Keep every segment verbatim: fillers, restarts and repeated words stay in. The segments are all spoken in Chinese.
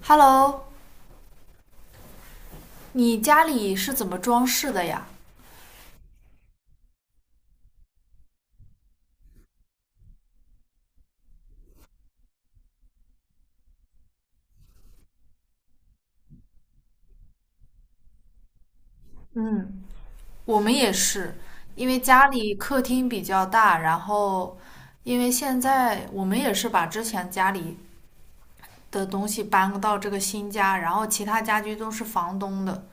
Hello，你家里是怎么装饰的呀？嗯，我们也是，因为家里客厅比较大，然后因为现在我们也是把之前家里的东西搬到这个新家，然后其他家具都是房东的，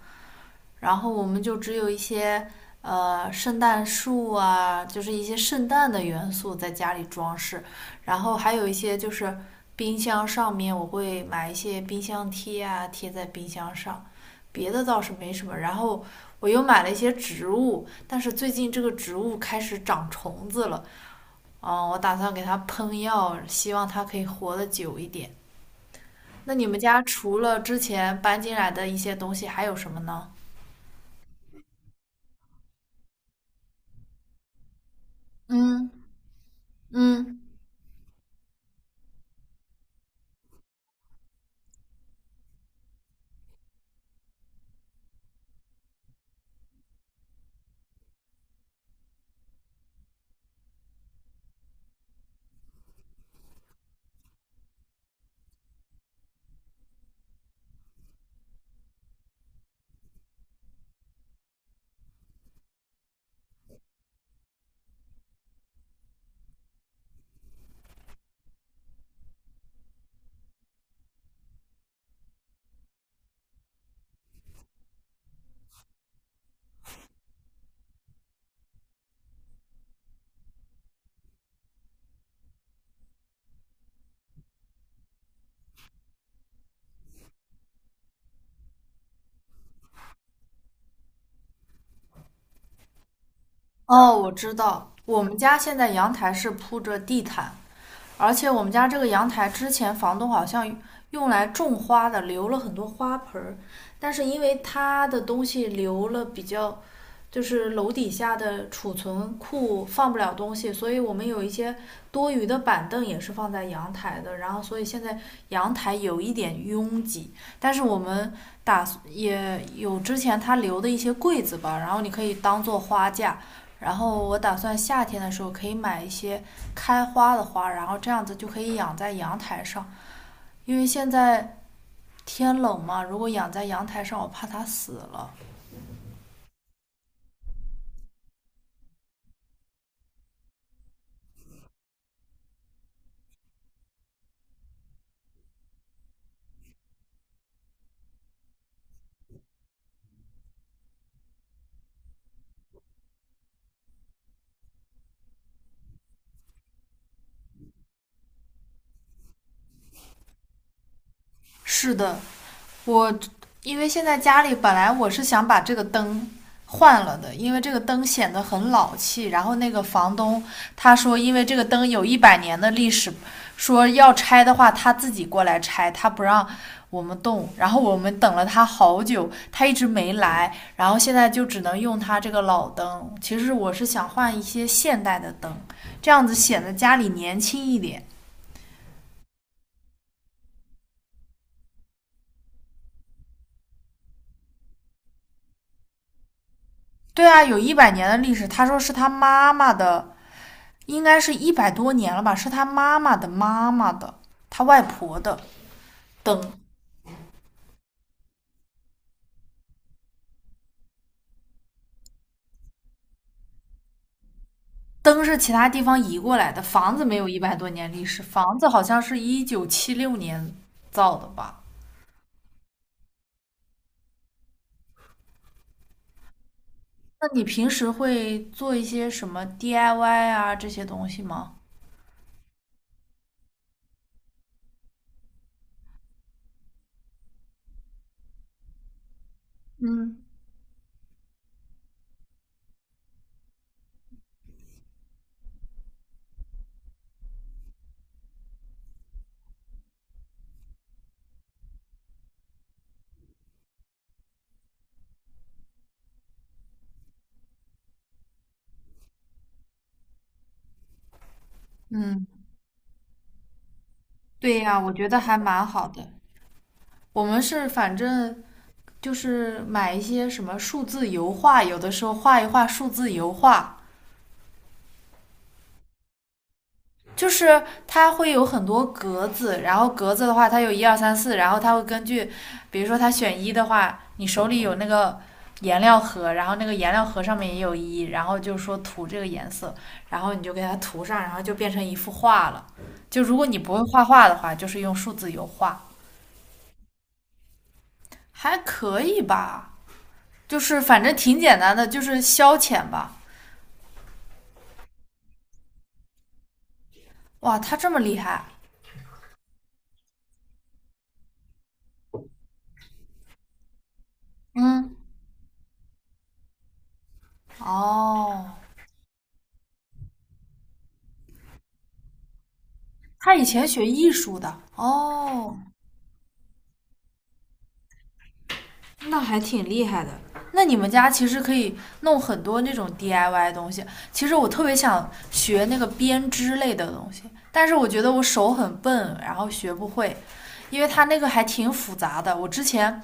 然后我们就只有一些呃圣诞树啊，就是一些圣诞的元素在家里装饰，然后还有一些就是冰箱上面我会买一些冰箱贴啊，贴在冰箱上，别的倒是没什么。然后我又买了一些植物，但是最近这个植物开始长虫子了，嗯，我打算给它喷药，希望它可以活得久一点。那你们家除了之前搬进来的一些东西，还有什么呢？嗯嗯。哦，我知道，我们家现在阳台是铺着地毯，而且我们家这个阳台之前房东好像用来种花的，留了很多花盆儿，但是因为他的东西留了比较，就是楼底下的储存库放不了东西，所以我们有一些多余的板凳也是放在阳台的，然后所以现在阳台有一点拥挤，但是我们打也有之前他留的一些柜子吧，然后你可以当做花架。然后我打算夏天的时候可以买一些开花的花，然后这样子就可以养在阳台上，因为现在天冷嘛，如果养在阳台上，我怕它死了。是的，我因为现在家里本来我是想把这个灯换了的，因为这个灯显得很老气。然后那个房东他说，因为这个灯有一百年的历史，说要拆的话他自己过来拆，他不让我们动。然后我们等了他好久，他一直没来。然后现在就只能用他这个老灯。其实我是想换一些现代的灯，这样子显得家里年轻一点。对啊，有一百年的历史。他说是他妈妈的应该是一百多年了吧，是他妈妈的妈妈的，他外婆的灯。灯是其他地方移过来的，房子没有一百多年历史，房子好像是一九七六年造的吧？那你平时会做一些什么 D I Y 啊这些东西吗？嗯嗯，对呀，我觉得还蛮好的。我们是反正就是买一些什么数字油画，有的时候画一画数字油画，就是它会有很多格子，然后格子的话，它有一二三四，然后它会根据，比如说它选一的话，你手里有那个颜料盒，然后那个颜料盒上面也有一，然后就说涂这个颜色，然后你就给它涂上，然后就变成一幅画了。就如果你不会画画的话，就是用数字油画，还可以吧，就是反正挺简单的，就是消遣吧。哇，他这么厉害，嗯，哦，他以前学艺术的，哦。那还挺厉害的。那你们家其实可以弄很多那种 D I Y 东西。其实我特别想学那个编织类的东西，但是我觉得我手很笨，然后学不会，因为它那个还挺复杂的。我之前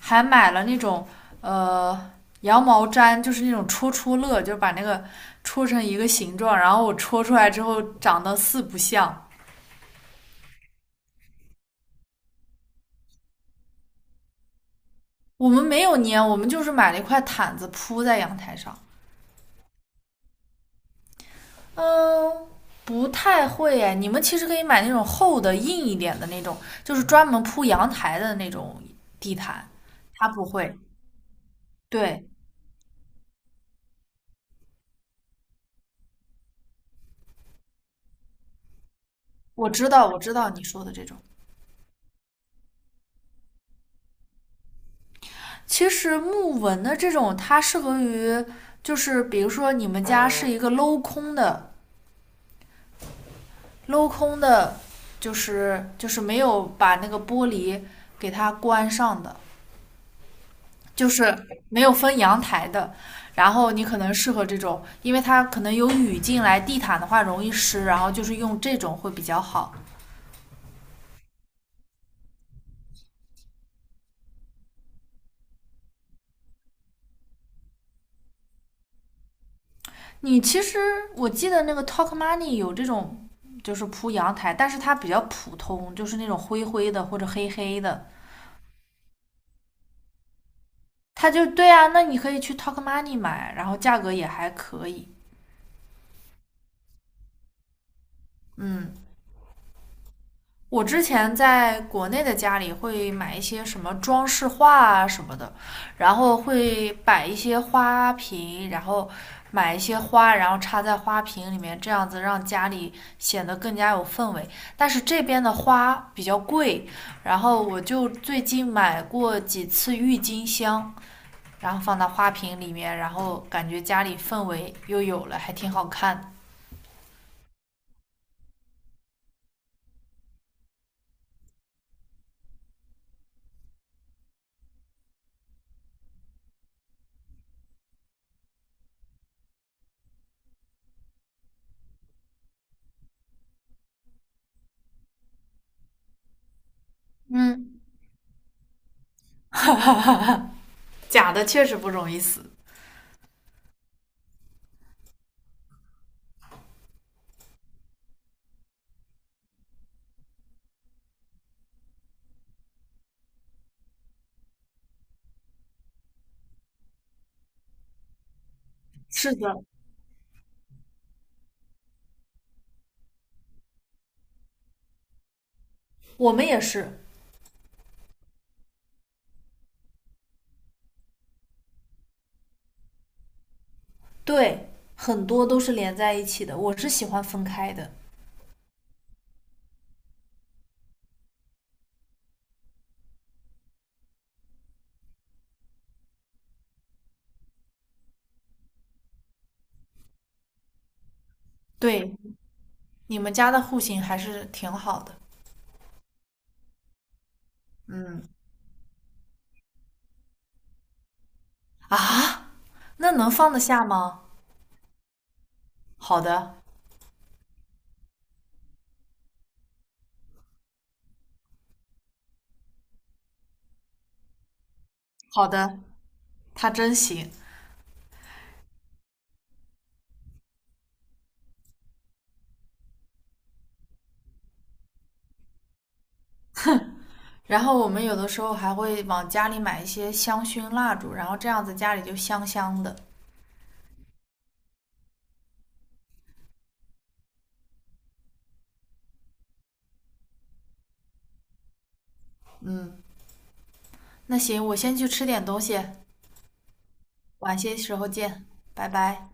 还买了那种呃羊毛毡，就是那种戳戳乐，就是把那个戳成一个形状，然后我戳出来之后长得四不像。我们没有粘，我们就是买了一块毯子铺在阳台上。嗯，不太会哎。你们其实可以买那种厚的、硬一点的那种，就是专门铺阳台的那种地毯。它不会。对，我知道，我知道你说的这种。其实木纹的这种，它适合于，就是比如说你们家是一个镂空的，镂空的，就是就是没有把那个玻璃给它关上的。就是没有分阳台的。然后你可能适合这种，因为它可能有雨进来，地毯的话容易湿，然后就是用这种会比较好。你其实我记得那个 Talk Money 有这种，就是铺阳台，但是它比较普通，就是那种灰灰的或者黑黑的。它就对啊，那你可以去 Talk Money 买，然后价格也还可以。嗯，我之前在国内的家里会买一些什么装饰画啊什么的，然后会摆一些花瓶，然后买一些花，然后插在花瓶里面，这样子让家里显得更加有氛围。但是这边的花比较贵，然后我就最近买过几次郁金香，然后放到花瓶里面，然后感觉家里氛围又有了，还挺好看。嗯，假的确实不容易死。是的，我们也是，对，很多都是连在一起的，我是喜欢分开的。对，你们家的户型还是挺好的。嗯，啊，那能放得下吗？好的，好的，他真行。然后我们有的时候还会往家里买一些香薰蜡烛，然后这样子家里就香香的。嗯，那行，我先去吃点东西，晚些时候见，拜拜。